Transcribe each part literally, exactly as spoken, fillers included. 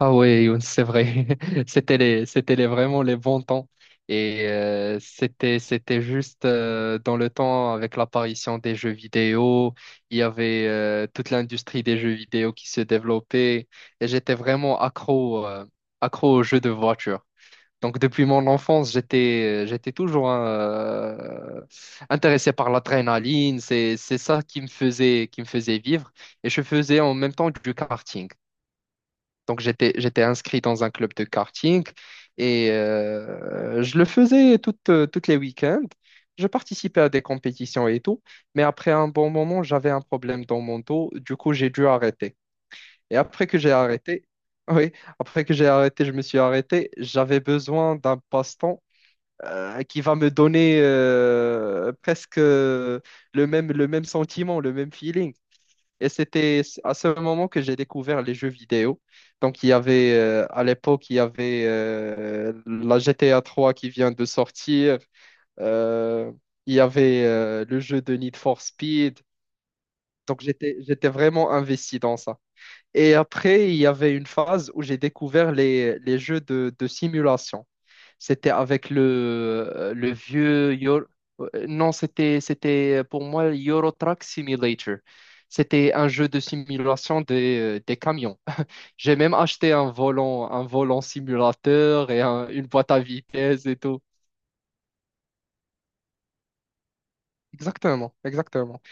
Ah ouais, Youn, c'est vrai. C'était les, c'était les, vraiment les bons temps. Et euh, c'était, c'était juste euh, dans le temps avec l'apparition des jeux vidéo. Il y avait euh, toute l'industrie des jeux vidéo qui se développait. Et j'étais vraiment accro, euh, accro aux jeux de voiture. Donc depuis mon enfance, j'étais, euh, j'étais toujours euh, intéressé par l'adrénaline. C'est, c'est ça qui me faisait, qui me faisait vivre. Et je faisais en même temps du karting. Donc, j'étais, j'étais inscrit dans un club de karting et euh, je le faisais toutes, euh, toutes les week-ends. Je participais à des compétitions et tout, mais après un bon moment, j'avais un problème dans mon dos. Du coup, j'ai dû arrêter. Et après que j'ai arrêté, oui, après que j'ai arrêté, je me suis arrêté. J'avais besoin d'un passe-temps euh, qui va me donner euh, presque le même, le même sentiment, le même feeling. Et c'était à ce moment que j'ai découvert les jeux vidéo. Donc, il y avait, euh, à l'époque, il y avait euh, la G T A trois qui vient de sortir. Euh, il y avait euh, le jeu de Need for Speed. Donc, j'étais, j'étais vraiment investi dans ça. Et après, il y avait une phase où j'ai découvert les, les jeux de, de simulation. C'était avec le, euh, le vieux Euro- Non, c'était c'était pour moi Euro Truck Simulator. C'était un jeu de simulation des, euh, des camions. J'ai même acheté un volant, un volant simulateur et un- une boîte à vitesse et tout. Exactement, exactement.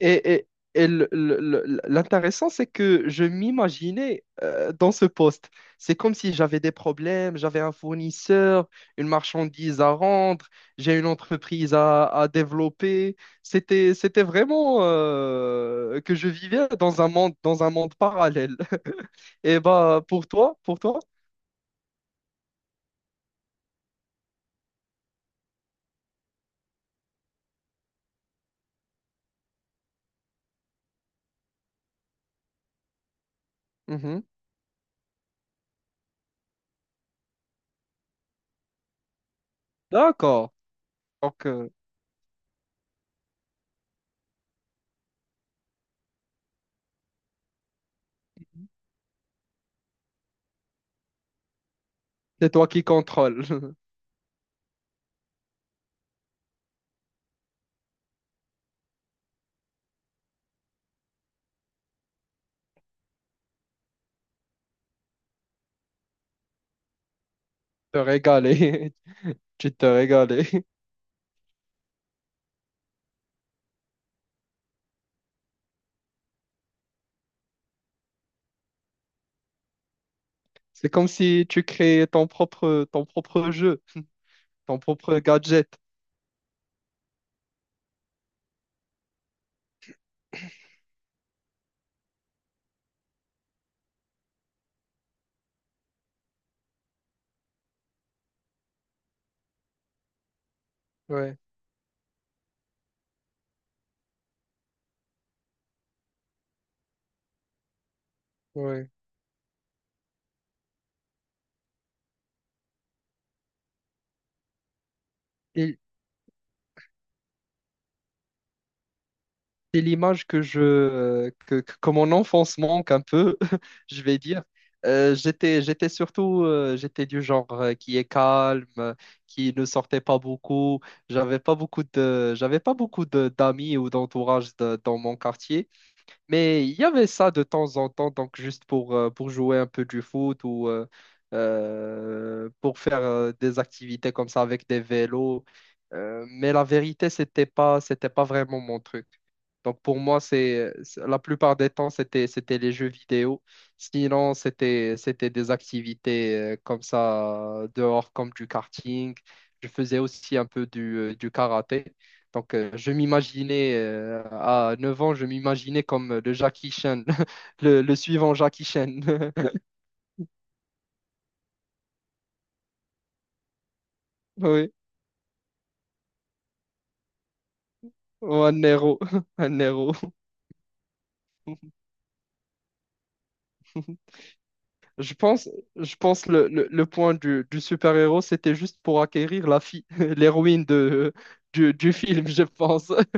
Et, et- et le- le- le- l'intéressant, c'est que je m'imaginais euh, dans ce poste. C'est comme si j'avais des problèmes, j'avais un fournisseur, une marchandise à rendre, j'ai une entreprise à, à développer. C'était, c'était vraiment euh, que je vivais dans un monde, dans un monde parallèle. Et bah pour toi, pour toi? Mhm. D'accord. Donc, euh, c'est toi qui contrôles. Te régaler. Tu te régales. C'est comme si tu créais ton propre, ton propre jeu, ton propre gadget. Ouais, ouais. Et c'est l'image que je, euh, que, que, que mon enfance manque un peu, je vais dire. Euh, j'étais, j'étais surtout, euh, j'étais du genre euh, qui est calme, euh, qui ne sortait pas beaucoup. J'avais pas beaucoup de, j'avais pas beaucoup de d'amis ou d'entourage de- dans mon quartier. Mais il y avait ça de temps en temps, donc juste pour, euh, pour jouer un peu du foot ou euh, euh, pour faire euh, des activités comme ça avec des vélos. Euh, mais la vérité, c'était pas, c'était pas vraiment mon truc. Donc pour moi, c'est c'est- la plupart des temps, c'était, c'était les jeux vidéo. Sinon, c'était, c'était des activités euh, comme ça dehors, comme du karting. Je faisais aussi un peu du, euh, du karaté. Donc, euh, je m'imaginais, euh, à neuf ans, je m'imaginais comme le Jackie Chan, le, le suivant Jackie Chan. Oui, ou un héros, un héros. Je pense, je pense le, le, le point du, du super-héros, c'était juste pour acquérir la fille, l'héroïne de, du, du film, je pense.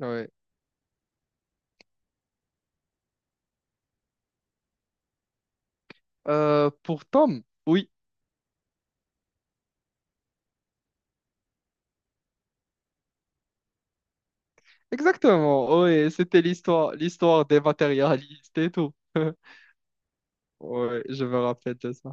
Ouais. Euh, pour Tom, oui, exactement. Oui, c'était l'histoire, l'histoire des matérialistes et tout. Ouais, je me rappelle de ça.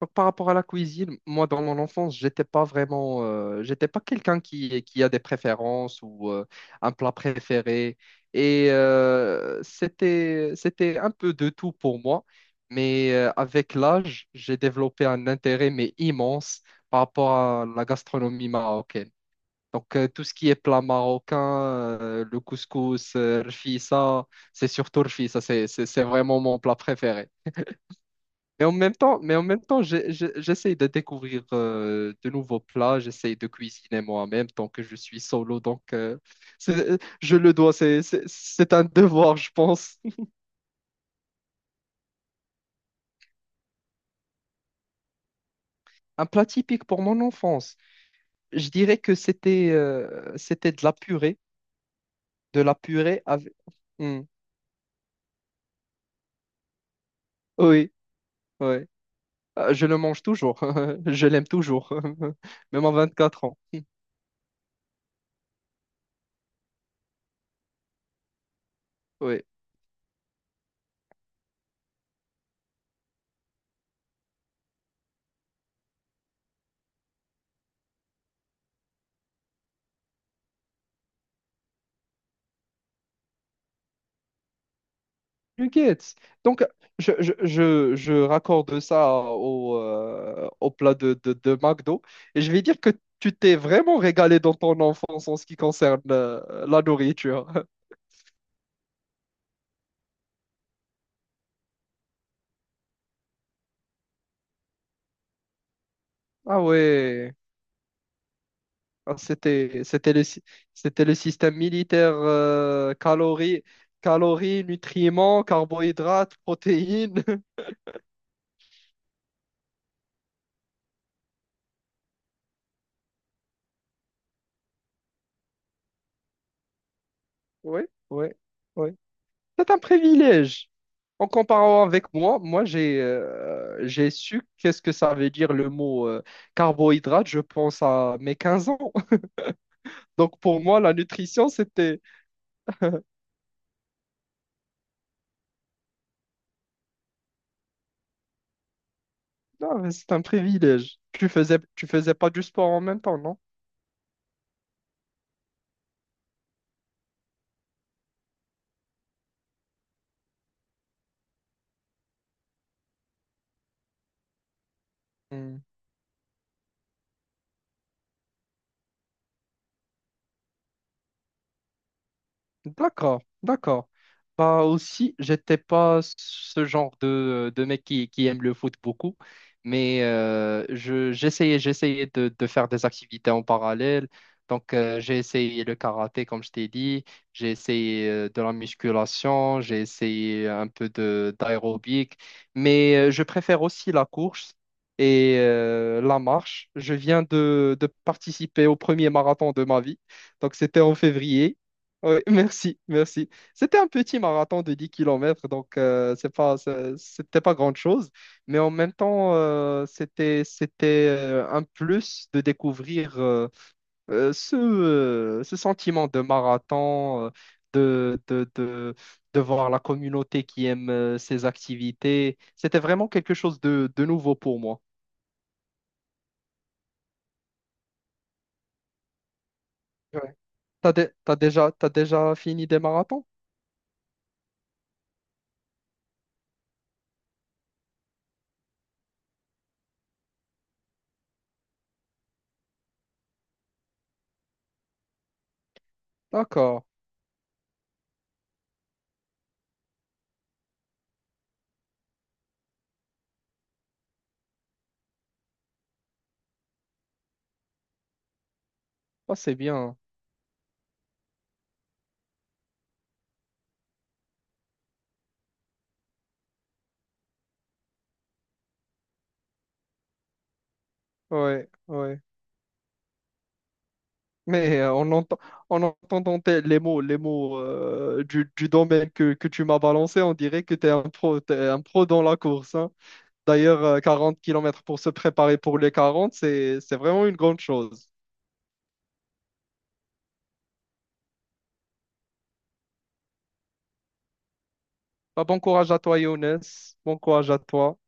Donc, par rapport à la cuisine, moi, dans mon enfance, j'étais pas vraiment, euh, j'étais pas quelqu'un qui, qui a des préférences ou euh, un plat préféré. Et euh, c'était, c'était un peu de tout pour moi. Mais euh, avec l'âge, j'ai développé un intérêt, mais immense, par rapport à la gastronomie marocaine. Donc, euh, tout ce qui est plat marocain, euh, le couscous, euh, rfissa, c'est surtout rfissa, c'est, c'est c'est vraiment mon plat préféré. Mais en même temps, mais en même temps, j'ai- j'ai- j'essaye de découvrir euh, de nouveaux plats, j'essaye de cuisiner moi-même tant que je suis solo, donc euh, c'est- je le dois, c'est c'est- c'est un devoir, je pense. Un plat typique pour mon enfance, je dirais que c'était euh, c'était de la purée, de la purée avec... Hmm. Oui, oui. Euh, je le mange toujours, je l'aime toujours, même à vingt-quatre ans. Oui. Nuggets. Donc, je, je, je, je raccorde ça au, euh, au plat de, de, de McDo. Et je vais dire que tu t'es vraiment régalé dans ton enfance en ce qui concerne euh, la nourriture. Ah ouais. Ah, c'était, c'était le, sy- c'était le système militaire, euh, calories, calories, nutriments, carbohydrates, protéines. Oui, oui. C'est un privilège. En comparant avec moi, moi j'ai euh, j'ai su qu'est-ce que ça veut dire le mot euh, carbohydrate, je pense à mes quinze ans. Donc pour moi, la nutrition, c'était non, mais c'est un privilège. Tu faisais tu faisais pas du sport en même temps, non? Hmm. D'accord, d'accord. Bah aussi, j'étais pas ce genre de, de mec qui, qui aime le foot beaucoup, mais euh, je, j'essayais, j'essayais de, de faire des activités en parallèle. Donc, euh, j'ai essayé le karaté, comme je t'ai dit, j'ai essayé euh, de la musculation, j'ai essayé un peu de d'aérobic, mais euh, je préfère aussi la course et euh, la marche. Je viens de, de participer au premier marathon de ma vie, donc c'était en février. Oui, merci, merci. C'était un petit marathon de dix kilomètres, donc euh, c'est pas, c'est- c'était pas grande chose mais en même temps, euh, c'était, c'était euh, un plus de découvrir euh, euh, ce, euh, ce sentiment de marathon, euh, de, de, de, de voir la communauté qui aime euh, ces activités. C'était vraiment quelque chose de, de nouveau pour moi. Ouais. T'as dé- t'as déjà, t'as déjà fini des marathons? D'accord. Ah, c'est bien. Ouais, ouais. Mais euh, en entend, en entendant tes- les mots, les mots euh, du, du domaine que, que tu m'as balancé, on dirait que tu es un pro, t'es un pro dans la course. Hein. D'ailleurs, euh, quarante kilomètres pour se préparer pour les quarante, c'est, c'est vraiment une grande chose. Bah, bon courage à toi, Younes. Bon courage à toi.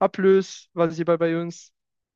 À plus. Vas-y, bye bye, Younes.